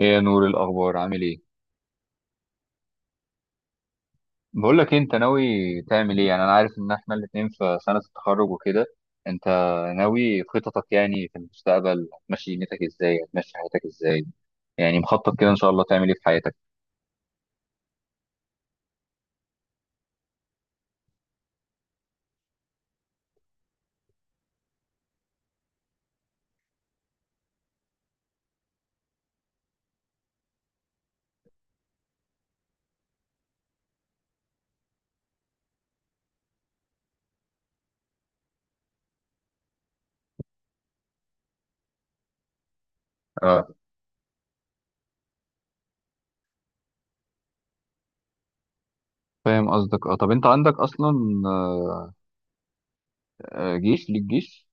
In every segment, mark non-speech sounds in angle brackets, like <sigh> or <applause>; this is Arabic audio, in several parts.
ايه يا نور، إيه الاخبار؟ عامل ايه؟ بقول لك إيه، انت ناوي تعمل ايه؟ يعني انا عارف ان احنا الاتنين في سنه التخرج وكده. انت ناوي خططك يعني في المستقبل؟ هتمشي دنيتك ازاي؟ هتمشي حياتك ازاي؟ يعني مخطط كده ان شاء الله تعمل ايه في حياتك؟ اه، فاهم قصدك. اه، طب انت عندك اصلا، آه، جيش؟ ليك جيش؟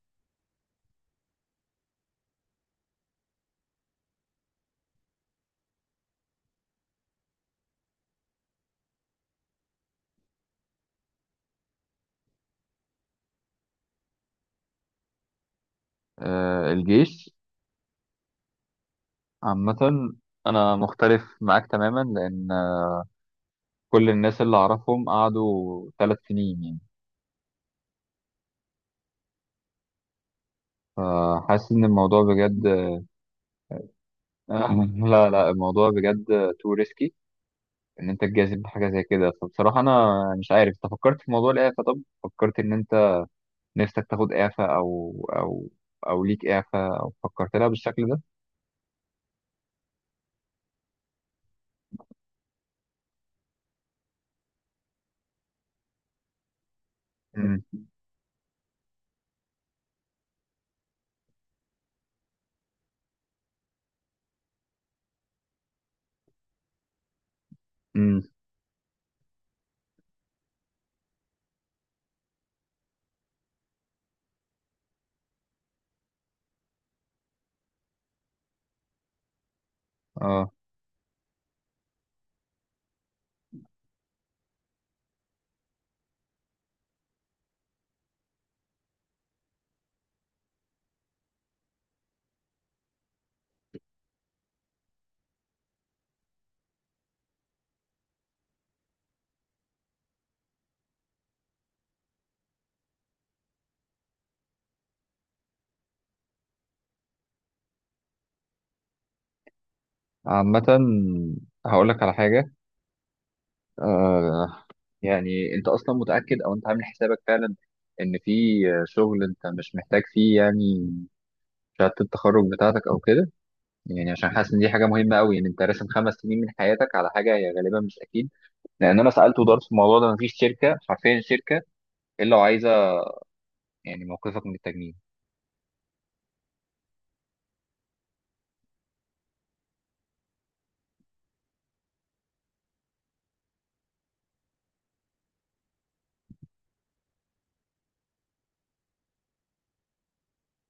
الجيش عامه، انا مختلف معاك تماما، لان كل الناس اللي اعرفهم قعدوا ثلاث سنين يعني. فحاسس ان الموضوع بجد. <laughs> لا لا، الموضوع بجد تو ريسكي، ان انت تجازف بحاجه زي كده. فبصراحه انا مش عارف، انت فكرت في موضوع الاعفاء؟ طب فكرت ان انت نفسك تاخد اعفاء، او او ليك اعفاء، او فكرت لها بالشكل ده؟ امم امم اه، عامه هقول لك على حاجه. آه يعني انت اصلا متاكد او انت عامل حسابك فعلا ان في شغل انت مش محتاج فيه يعني شهاده التخرج بتاعتك او كده؟ يعني عشان حاسس ان دي حاجه مهمه قوي، ان انت راسم خمس سنين من حياتك على حاجه هي غالبا مش اكيد. لان انا سالت ودرت في الموضوع ده، مفيش شركه، حرفيا شركه، الا وعايزه يعني موقفك من التجنيد.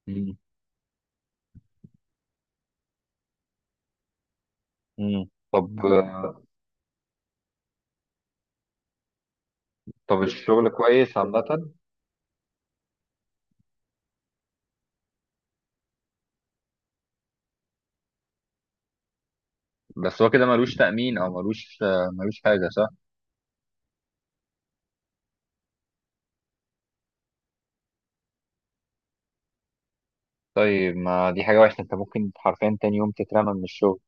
مم. مم. طب، طب الشغل كويس عامه؟ بس هو كده ملوش تامين، او ملوش حاجه، صح؟ طيب، ما دي حاجه وحشه، انت ممكن حرفيا تاني يوم تترمى من الشغل.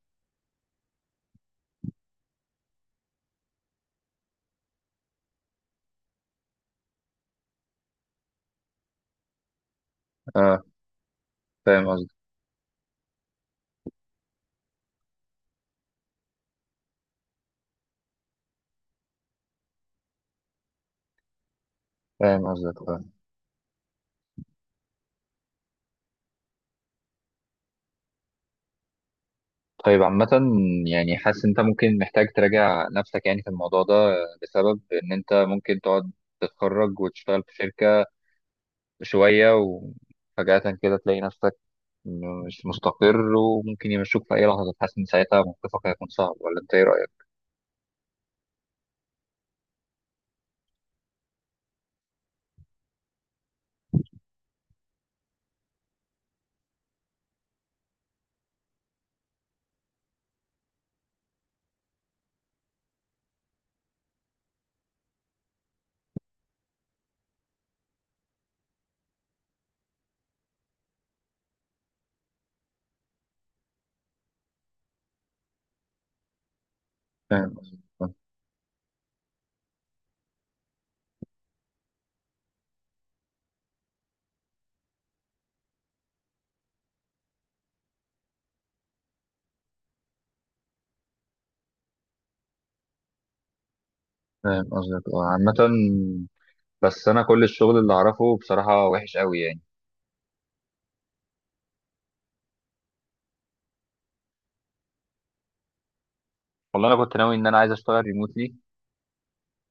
اه، فاهم قصدك. آه. طيب، عامة يعني حاسس انت ممكن محتاج تراجع نفسك يعني في الموضوع ده، بسبب ان انت ممكن تقعد تتخرج وتشتغل في شركة شوية وفجأة كده تلاقي نفسك مش مستقر، وممكن يمشوك في أي لحظة. حاسس إن ساعتها موقفك هيكون صعب، ولا أنت إيه رأيك؟ فاهم قصدك. اه، عامة بس أنا كل الشغل اللي أعرفه بصراحة وحش قوي يعني. والله أنا كنت ناوي إن أنا عايز أشتغل ريموتلي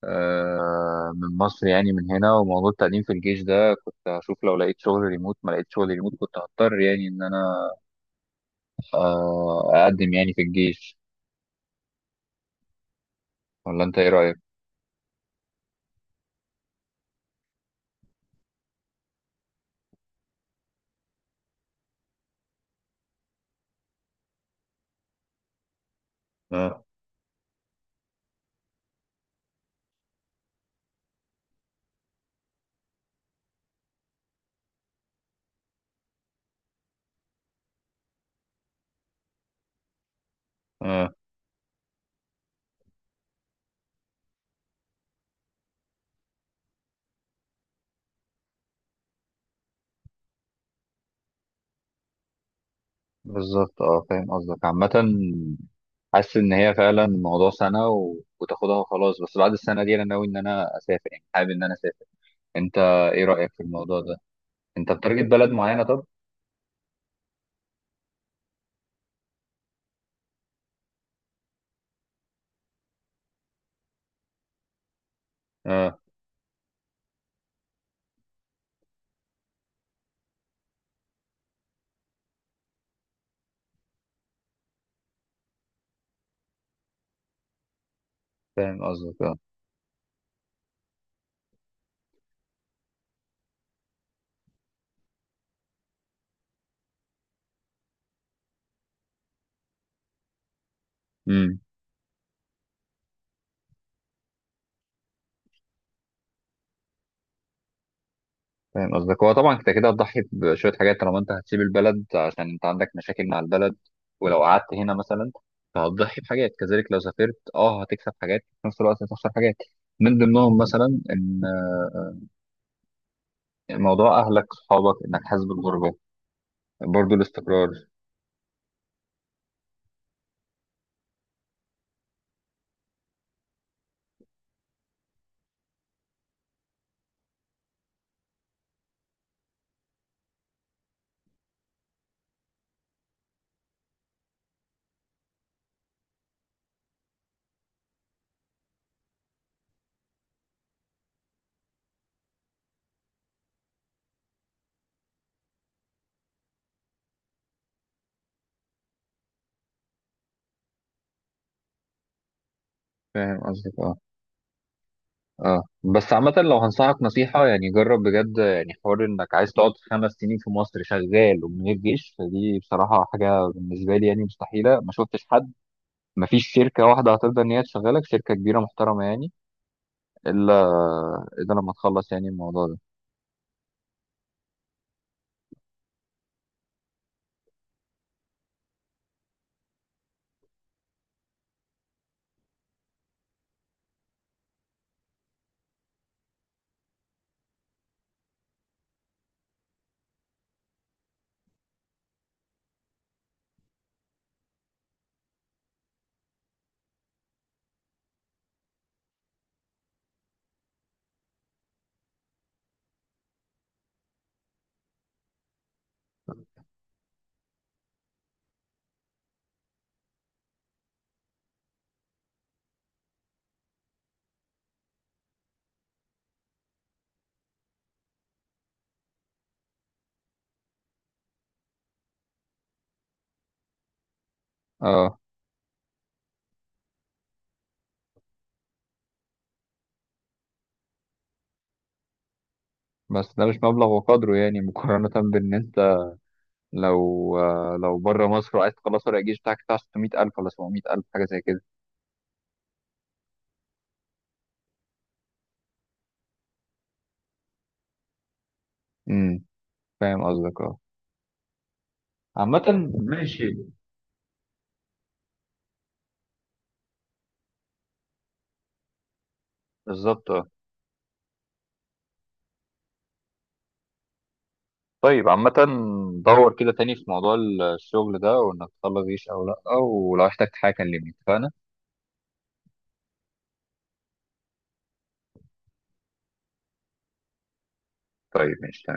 من مصر يعني، من هنا. وموضوع التقديم في الجيش ده كنت هشوف لو لقيت شغل ريموت. ما لقيت شغل ريموت كنت هضطر يعني ان انا اقدم يعني في الجيش. ولا انت ايه رأيك؟ اه. اه، بالظبط. اه، فاهم قصدك. عامة حاسس ان هي فعلا الموضوع سنة وتاخدها وخلاص. بس بعد السنة دي انا ناوي ان انا اسافر، يعني حابب ان انا اسافر. انت ايه رأيك في الموضوع ده؟ انت بتارجت بلد معينة؟ طب. اه، فاهم قصدك. اه. مم. فاهم قصدك، هو طبعا انت كده هتضحي بشويه حاجات طالما انت هتسيب البلد، عشان انت عندك مشاكل مع البلد. ولو قعدت هنا مثلا فهتضحي بحاجات كذلك. لو سافرت اه هتكسب حاجات، في نفس الوقت هتخسر حاجات، من ضمنهم مثلا ان موضوع اهلك، صحابك، انك حاسس بالغربه، برضو الاستقرار. فاهم قصدك. اه، اه بس عامه لو هنصحك نصيحه يعني، جرب بجد يعني حوار انك عايز تقعد خمس سنين في مصر شغال ومن غير جيش، فدي بصراحه حاجه بالنسبه لي يعني مستحيله. ما شفتش حد، مفيش شركة واحدة هترضى إن هي تشغلك، شركة كبيرة محترمة يعني، إلا لما تخلص يعني الموضوع ده. اه، بس ده مش مبلغ وقدره يعني، مقارنة بإن أنت لو لو بره مصر وعايز تخلص ورق الجيش بتاعك، بتاع 600,000 ولا 700,000 حاجة زي كده. امم، فاهم قصدك. اه، عامة ماشي. بالظبط اه. طيب، عامة دور كده تاني في موضوع الشغل ده، وإنك تخلص جيش أو لأ. ولو احتجت حاجة كلمني، اتفقنا؟ طيب ماشي.